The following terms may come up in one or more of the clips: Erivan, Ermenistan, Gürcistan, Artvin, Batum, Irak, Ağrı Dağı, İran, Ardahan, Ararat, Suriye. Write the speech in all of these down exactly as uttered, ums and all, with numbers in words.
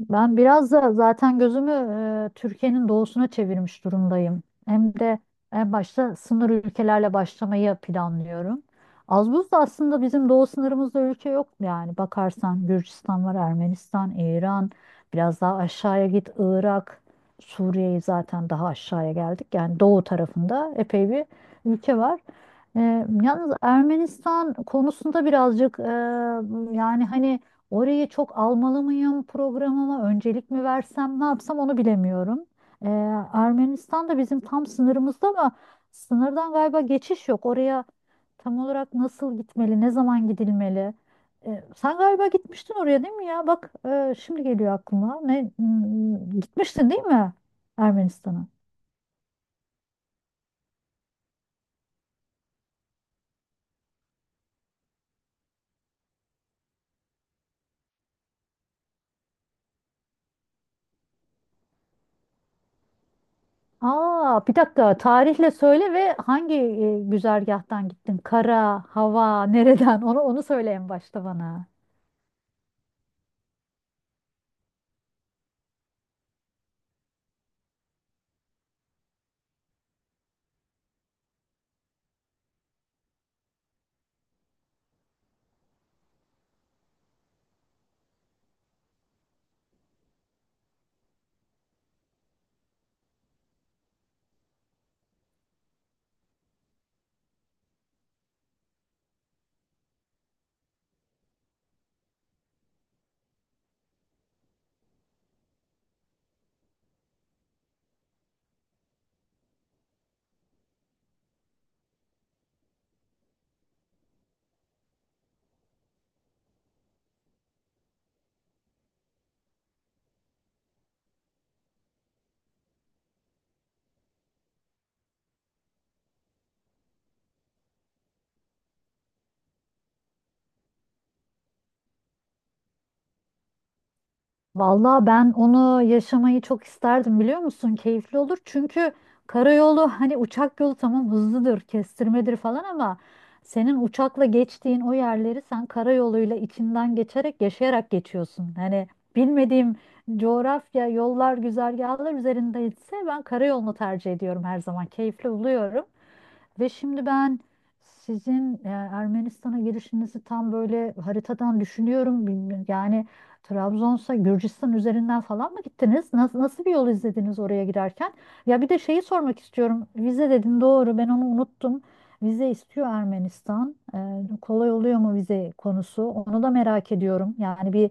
Ben biraz da zaten gözümü e, Türkiye'nin doğusuna çevirmiş durumdayım. Hem de en başta sınır ülkelerle başlamayı planlıyorum. Az buz da aslında bizim doğu sınırımızda ülke yok yani. Bakarsan Gürcistan var, Ermenistan, İran, biraz daha aşağıya git Irak, Suriye'yi zaten daha aşağıya geldik. Yani doğu tarafında epey bir ülke var. E, Yalnız Ermenistan konusunda birazcık e, yani hani orayı çok almalı mıyım, programıma öncelik mi versem, ne yapsam onu bilemiyorum. Ee, Ermenistan da bizim tam sınırımızda ama sınırdan galiba geçiş yok. Oraya tam olarak nasıl gitmeli, ne zaman gidilmeli? Ee, sen galiba gitmiştin oraya, değil mi ya? Bak, e, şimdi geliyor aklıma. Ne hmm, gitmiştin değil mi Ermenistan'a? Aa, bir dakika, tarihle söyle ve hangi e, güzergahtan gittin? Kara, hava, nereden? Onu onu söyle en başta bana. Vallahi ben onu yaşamayı çok isterdim, biliyor musun? Keyifli olur. Çünkü karayolu, hani uçak yolu tamam hızlıdır, kestirmedir falan, ama senin uçakla geçtiğin o yerleri sen karayoluyla içinden geçerek, yaşayarak geçiyorsun. Hani bilmediğim coğrafya, yollar, güzergahlar üzerindeyse ben karayolunu tercih ediyorum her zaman. Keyifli buluyorum. Ve şimdi ben sizin e, Ermenistan'a girişinizi tam böyle haritadan düşünüyorum. Bilmiyorum, yani Trabzon'sa Gürcistan üzerinden falan mı gittiniz? Nasıl, nasıl bir yol izlediniz oraya girerken? Ya bir de şeyi sormak istiyorum. Vize dedin, doğru, ben onu unuttum. Vize istiyor Ermenistan. E, kolay oluyor mu vize konusu? Onu da merak ediyorum. Yani bir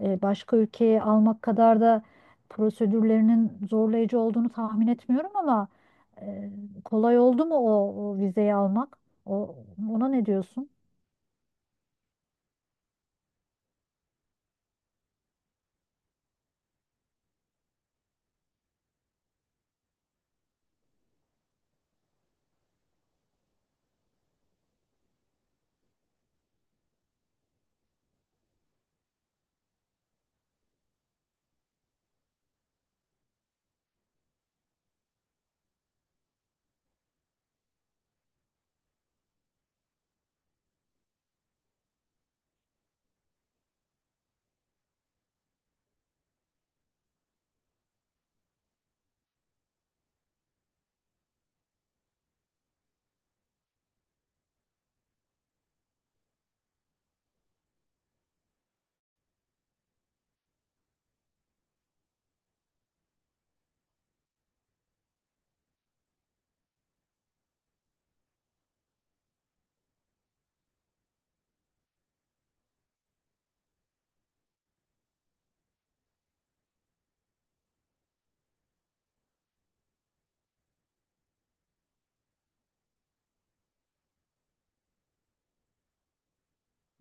e, başka ülkeye almak kadar da prosedürlerinin zorlayıcı olduğunu tahmin etmiyorum ama e, kolay oldu mu o, o vizeyi almak? O, Ona ne diyorsun?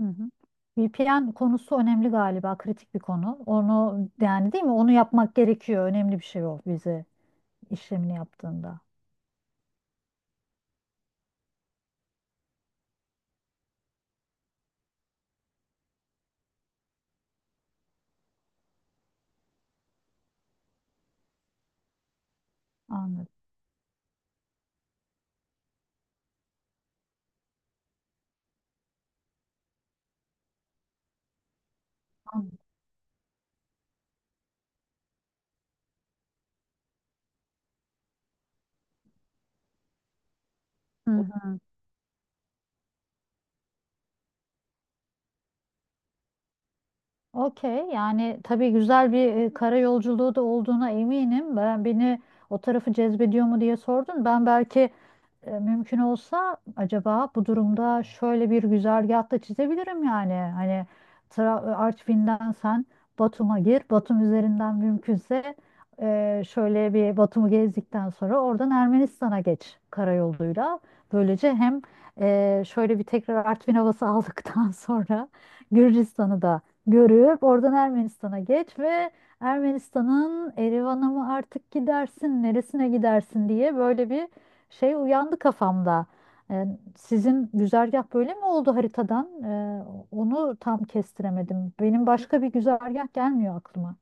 Hı hı. V P N konusu önemli galiba, kritik bir konu. Onu yani, değil mi? Onu yapmak gerekiyor. Önemli bir şey o vize işlemini yaptığında. Anladım. Anladım. Hı. O, okey, yani tabii güzel bir e, kara yolculuğu da olduğuna eminim. Ben, beni o tarafı cezbediyor mu diye sordun. Ben belki, e, mümkün olsa, acaba bu durumda şöyle bir güzergah da çizebilirim yani. Hani Tra- Artvin'den sen Batum'a gir. Batum üzerinden mümkünse, e, şöyle bir Batum'u gezdikten sonra oradan Ermenistan'a geç karayoluyla. Böylece hem e, şöyle bir tekrar Artvin havası aldıktan sonra Gürcistan'ı da görüp oradan Ermenistan'a geç, ve Ermenistan'ın Erivan'a mı artık gidersin, neresine gidersin diye böyle bir şey uyandı kafamda. Ee, Sizin güzergah böyle mi oldu haritadan? Ee, onu tam kestiremedim. Benim başka bir güzergah gelmiyor aklıma.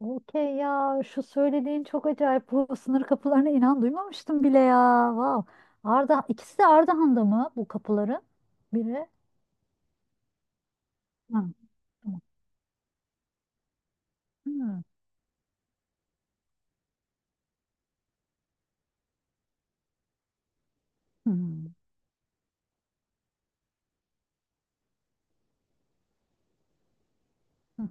Okey, ya şu söylediğin çok acayip. Bu sınır kapılarına inan duymamıştım bile ya. Wow. Arda, ikisi de Ardahan'da mı bu kapıların? Biri. Ha, tamam. Hmm. Hmm. Hı hı.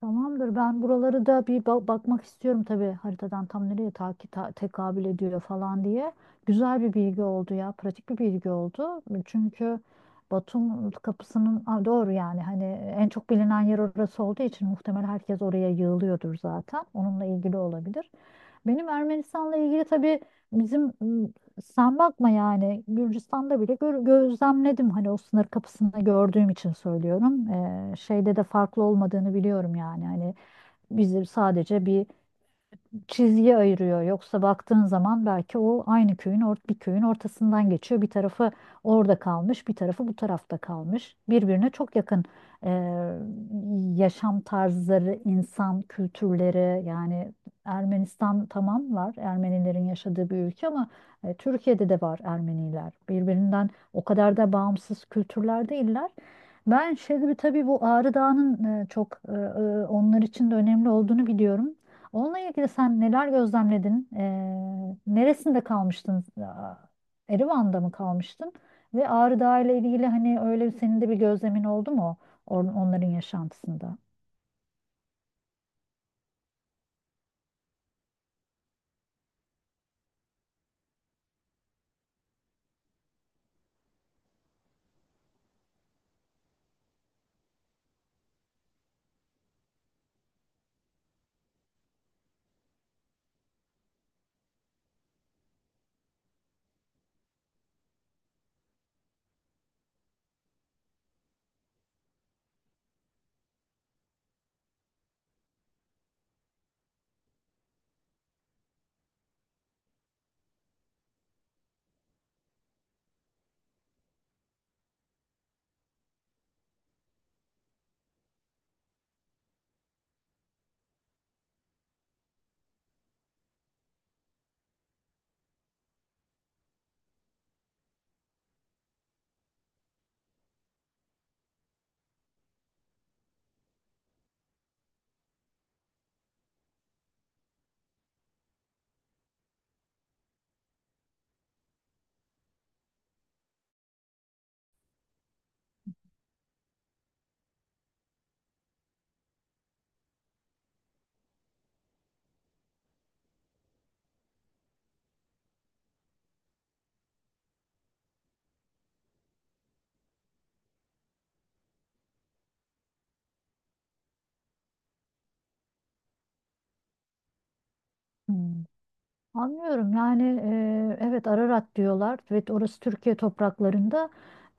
Tamamdır. Ben buraları da bir ba- bakmak istiyorum tabii haritadan, tam nereye takip tekabül ediyor falan diye. Güzel bir bilgi oldu ya. Pratik bir bilgi oldu. Çünkü Batum kapısının, aa, doğru, yani hani en çok bilinen yer orası olduğu için muhtemel herkes oraya yığılıyordur zaten. Onunla ilgili olabilir. Benim Ermenistan'la ilgili tabii, bizim m, sen bakma, yani Gürcistan'da bile gör- gözlemledim, hani o sınır kapısında gördüğüm için söylüyorum. Ee, şeyde de farklı olmadığını biliyorum, yani hani bizim sadece bir çizgi ayırıyor. Yoksa baktığın zaman belki o aynı köyün ort bir köyün ortasından geçiyor. Bir tarafı orada kalmış, bir tarafı bu tarafta kalmış. Birbirine çok yakın e, yaşam tarzları, insan kültürleri. Yani Ermenistan tamam var, Ermenilerin yaşadığı bir ülke, ama e, Türkiye'de de var Ermeniler. Birbirinden o kadar da bağımsız kültürler değiller. Ben şimdi tabii bu Ağrı Dağı'nın e, çok e, e, onlar için de önemli olduğunu biliyorum. Onunla ilgili sen neler gözlemledin? Ee, neresinde kalmıştın? Aa, Erivan'da mı kalmıştın? Ve Ağrı Dağı ile ilgili hani öyle bir- senin de bir gözlemin oldu mu on- onların yaşantısında? Hmm. Anlıyorum, yani e, evet, Ararat diyorlar ve orası Türkiye topraklarında.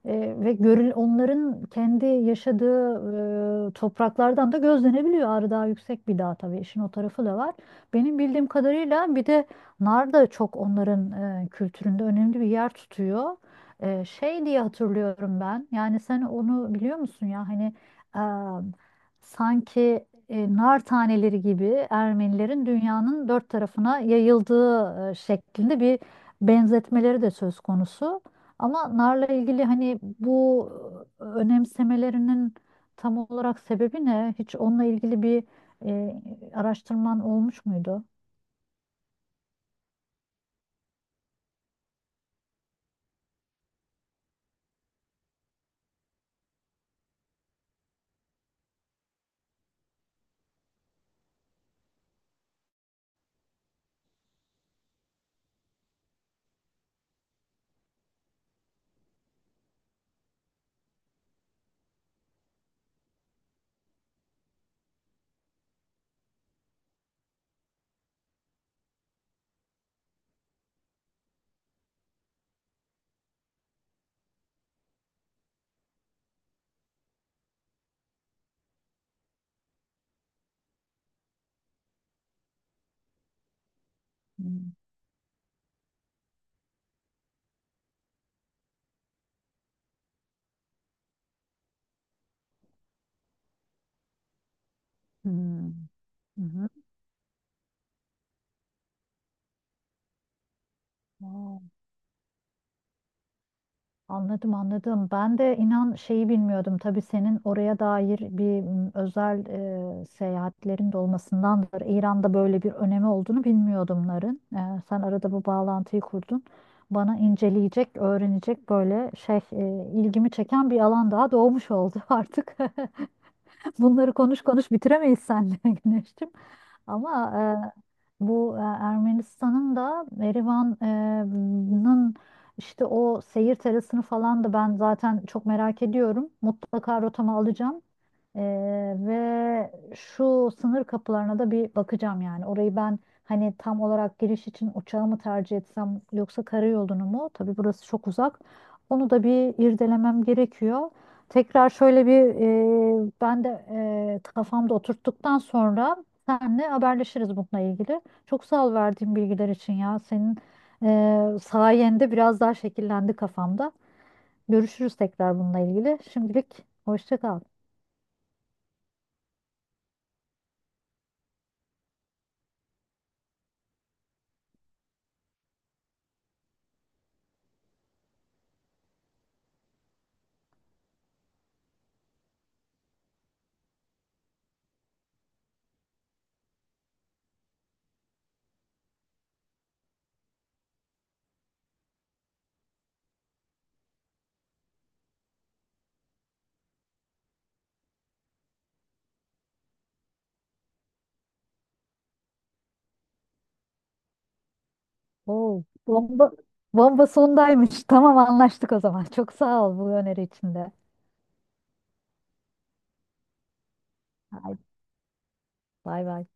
E, ve görül onların kendi yaşadığı e, topraklardan da gözlenebiliyor. Ağrı Dağı yüksek bir dağ tabii, işin o tarafı da var. Benim bildiğim kadarıyla bir de nar da çok onların e, kültüründe önemli bir yer tutuyor. E, şey diye hatırlıyorum ben. Yani sen onu biliyor musun ya, hani e, sanki e, nar taneleri gibi Ermenilerin dünyanın dört tarafına yayıldığı e, şeklinde bir benzetmeleri de söz konusu. Ama narla ilgili hani bu önemsemelerinin tam olarak sebebi ne? Hiç onunla ilgili bir e, araştırman olmuş muydu? Hmm. Hmm. Hı hı. Anladım, anladım. Ben de inan şeyi bilmiyordum. Tabii senin oraya dair bir m, özel e, seyahatlerin de olmasındandır. İran'da böyle bir önemi olduğunu bilmiyordum narın. E, sen arada bu bağlantıyı kurdun. Bana inceleyecek, öğrenecek, böyle şey, e, ilgimi çeken bir alan daha doğmuş oldu artık. Bunları konuş konuş bitiremeyiz seninle Güneş'cim. Ama e, bu, e, Ermenistan'ın da, Erivan'ın e, işte o seyir terasını falan da ben zaten çok merak ediyorum. Mutlaka rotama alacağım. Ee, ve şu sınır kapılarına da bir bakacağım yani. Orayı ben hani tam olarak giriş için uçağı mı tercih etsem yoksa karayolunu mu? Tabii burası çok uzak. Onu da bir irdelemem gerekiyor. Tekrar şöyle bir, e, ben de e, kafamda oturttuktan sonra senle haberleşiriz bununla ilgili. Çok sağ ol verdiğin bilgiler için ya. Senin e, sayende biraz daha şekillendi kafamda. Görüşürüz tekrar bununla ilgili. Şimdilik hoşça kal. Oo, bomba, bomba sondaymış. Tamam, anlaştık o zaman. Çok sağ ol bu öneri için de. Haydi, bay bay.